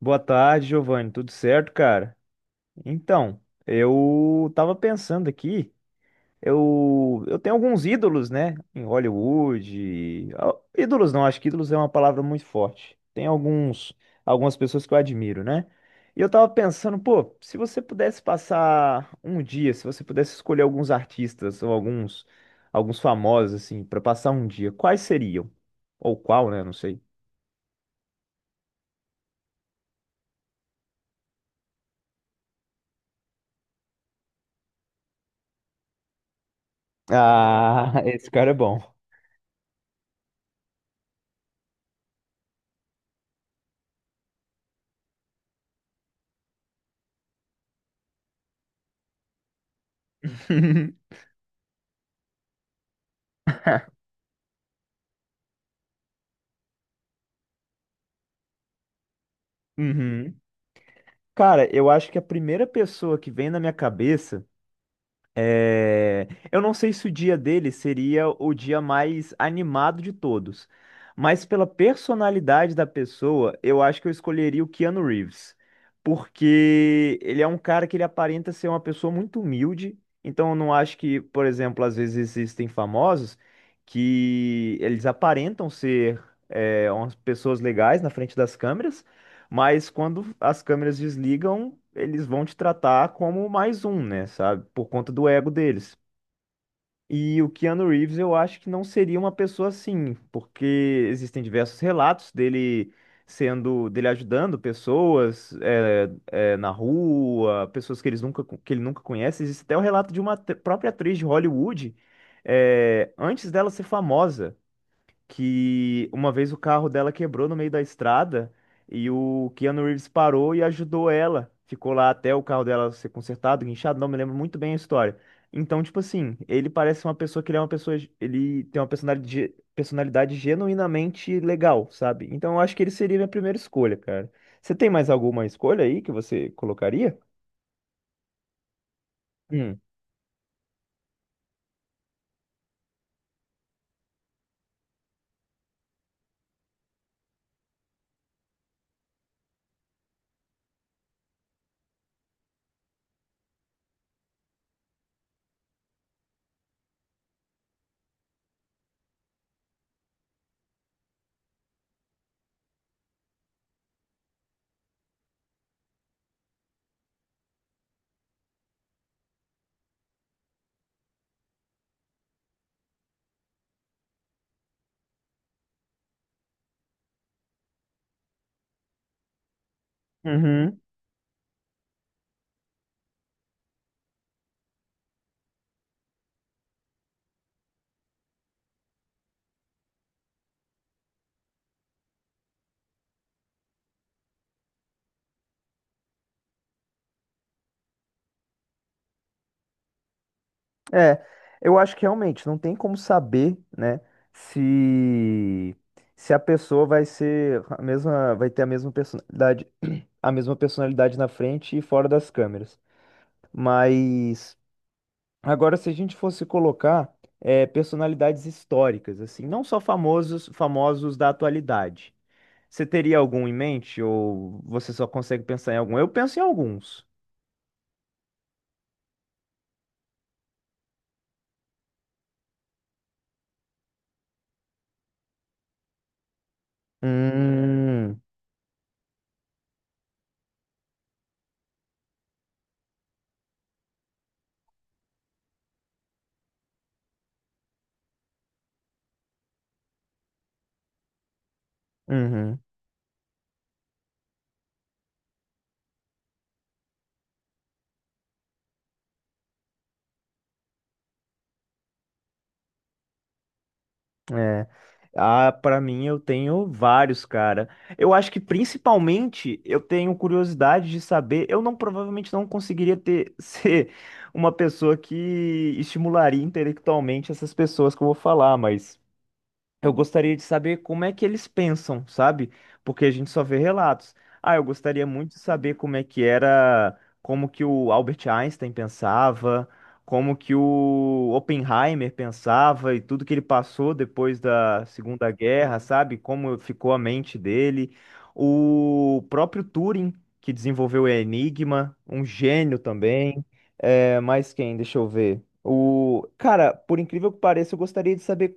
Boa tarde, Giovanni. Tudo certo, cara? Então, eu tava pensando aqui, eu tenho alguns ídolos, né? Em Hollywood. Ídolos não, acho que ídolos é uma palavra muito forte. Tem alguns, algumas pessoas que eu admiro, né? E eu tava pensando, pô, se você pudesse passar um dia, se você pudesse escolher alguns artistas ou alguns, alguns famosos, assim, pra passar um dia, quais seriam? Ou qual, né? Não sei. Ah, esse cara é bom. Uhum. Cara, eu acho que a primeira pessoa que vem na minha cabeça é. Eu não sei se o dia dele seria o dia mais animado de todos, mas pela personalidade da pessoa, eu acho que eu escolheria o Keanu Reeves, porque ele é um cara que ele aparenta ser uma pessoa muito humilde, então eu não acho que, por exemplo, às vezes existem famosos que eles aparentam ser. Umas pessoas legais na frente das câmeras, mas quando as câmeras desligam, eles vão te tratar como mais um, né, sabe? Por conta do ego deles. E o Keanu Reeves, eu acho que não seria uma pessoa assim, porque existem diversos relatos dele sendo, dele ajudando pessoas na rua, pessoas que, eles nunca, que ele nunca conhece. Existe até o relato de uma própria atriz de Hollywood, antes dela ser famosa, que uma vez o carro dela quebrou no meio da estrada e o Keanu Reeves parou e ajudou ela. Ficou lá até o carro dela ser consertado, guinchado, não me lembro muito bem a história. Então, tipo assim, ele parece uma pessoa que ele é uma pessoa, ele tem uma personalidade, personalidade genuinamente legal, sabe? Então, eu acho que ele seria minha primeira escolha, cara. Você tem mais alguma escolha aí que você colocaria? Hum. Uhum. É, eu acho que realmente não tem como saber, né, se se a pessoa vai ser a mesma, vai ter a mesma personalidade na frente e fora das câmeras. Mas agora, se a gente fosse colocar personalidades históricas, assim, não só famosos, famosos da atualidade. Você teria algum em mente ou você só consegue pensar em algum? Eu penso em alguns. Hum, uhum. É. Ah, para mim eu tenho vários, cara. Eu acho que principalmente eu tenho curiosidade de saber. Eu não, provavelmente não conseguiria ter ser uma pessoa que estimularia intelectualmente essas pessoas que eu vou falar, mas eu gostaria de saber como é que eles pensam, sabe? Porque a gente só vê relatos. Ah, eu gostaria muito de saber como é que era, como que o Albert Einstein pensava, como que o Oppenheimer pensava e tudo que ele passou depois da Segunda Guerra, sabe? Como ficou a mente dele. O próprio Turing, que desenvolveu o Enigma, um gênio também. É, mais quem? Deixa eu ver. O cara, por incrível que pareça, eu gostaria de saber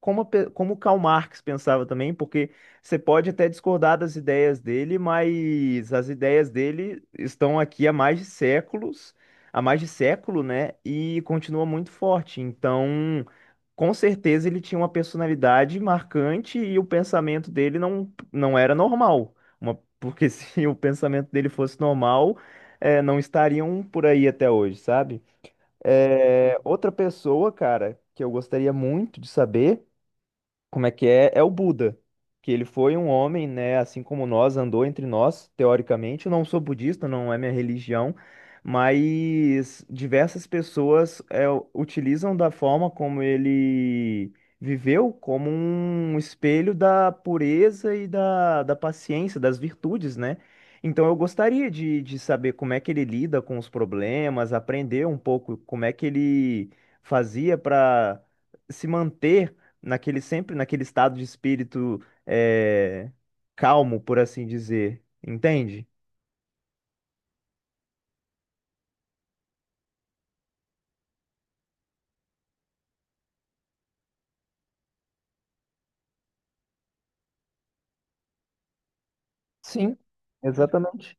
como, a como o Karl Marx pensava também, porque você pode até discordar das ideias dele, mas as ideias dele estão aqui há mais de séculos, há mais de século, né? E continua muito forte. Então, com certeza ele tinha uma personalidade marcante e o pensamento dele não, não era normal. Porque se o pensamento dele fosse normal, não estariam por aí até hoje, sabe? Outra pessoa, cara, que eu gostaria muito de saber como é que é? É o Buda, que ele foi um homem, né, assim como nós, andou entre nós, teoricamente. Eu não sou budista, não é minha religião, mas diversas pessoas utilizam da forma como ele viveu como um espelho da pureza e da, da paciência, das virtudes, né? Então eu gostaria de saber como é que ele lida com os problemas, aprender um pouco como é que ele fazia para se manter naquele sempre naquele estado de espírito calmo, por assim dizer, entende? Sim, exatamente.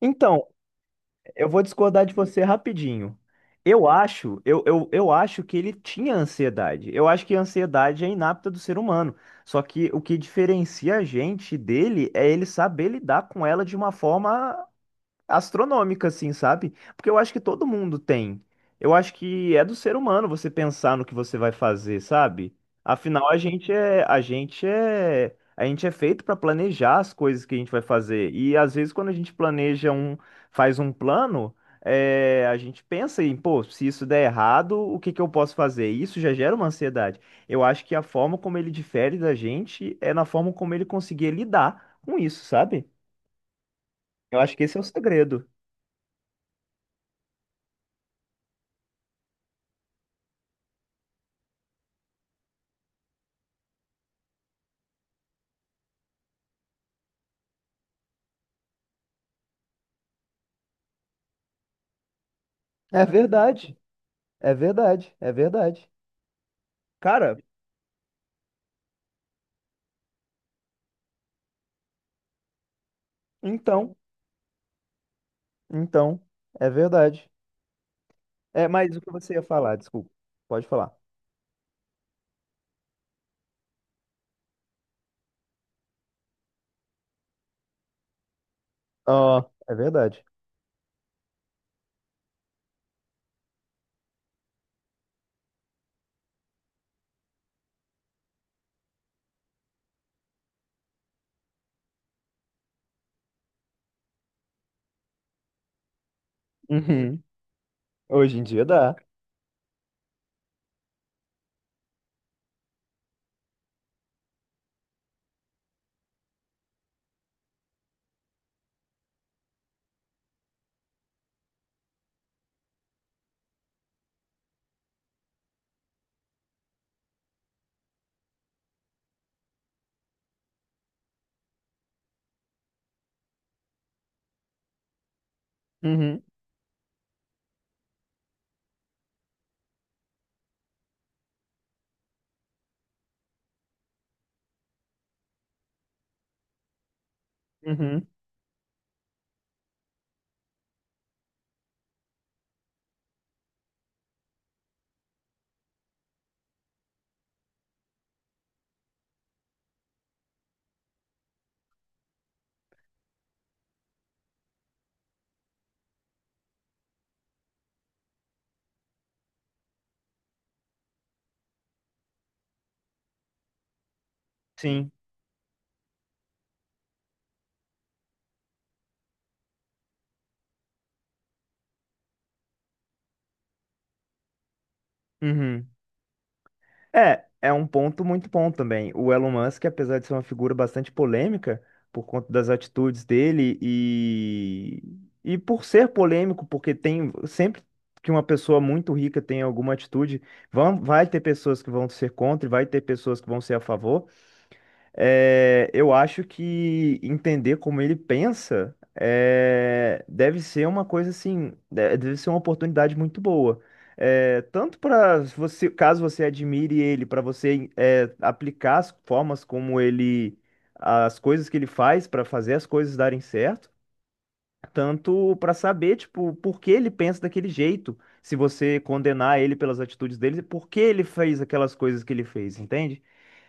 Então, eu vou discordar de você rapidinho. Eu acho que ele tinha ansiedade. Eu acho que a ansiedade é inapta do ser humano. Só que o que diferencia a gente dele é ele saber lidar com ela de uma forma astronômica, assim, sabe? Porque eu acho que todo mundo tem. Eu acho que é do ser humano você pensar no que você vai fazer, sabe? Afinal, a gente é feito para planejar as coisas que a gente vai fazer. E às vezes quando a gente planeja um, faz um plano, a gente pensa em, pô, se isso der errado, o que que eu posso fazer? E isso já gera uma ansiedade. Eu acho que a forma como ele difere da gente é na forma como ele conseguir lidar com isso, sabe? Eu acho que esse é o segredo. É verdade, é verdade, é verdade. Cara, então, então, é verdade. É, mas o que você ia falar, desculpa, pode falar. Ó, é verdade. Uhum. Hoje em dia dá. Uhum, uhum, sim. Uhum. É, é um ponto muito bom também. O Elon Musk, apesar de ser uma figura bastante polêmica por conta das atitudes dele e por ser polêmico, porque tem sempre que uma pessoa muito rica tem alguma atitude, vão, vai ter pessoas que vão ser contra e vai ter pessoas que vão ser a favor. É, eu acho que entender como ele pensa é, deve ser uma coisa assim, deve ser uma oportunidade muito boa. É, tanto para você, caso você admire ele, para você aplicar as formas como ele, as coisas que ele faz para fazer as coisas darem certo, tanto para saber, tipo, por que ele pensa daquele jeito, se você condenar ele pelas atitudes dele, por que ele fez aquelas coisas que ele fez, entende?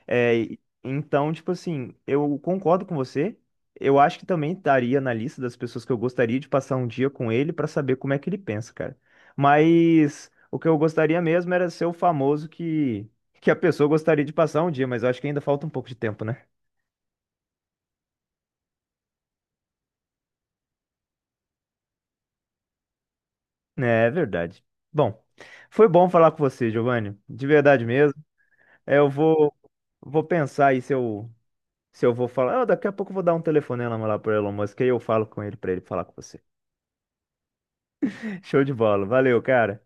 É, então, tipo assim, eu concordo com você. Eu acho que também estaria na lista das pessoas que eu gostaria de passar um dia com ele pra saber como é que ele pensa, cara. Mas o que eu gostaria mesmo era ser o famoso que a pessoa gostaria de passar um dia, mas eu acho que ainda falta um pouco de tempo, né? É, é verdade. Bom, foi bom falar com você, Giovanni. De verdade mesmo. É, eu vou, vou pensar aí se eu, se eu vou falar. Ah, daqui a pouco eu vou dar um telefonema lá pro Elon Musk, aí eu falo com ele pra ele falar com você. Show de bola. Valeu, cara.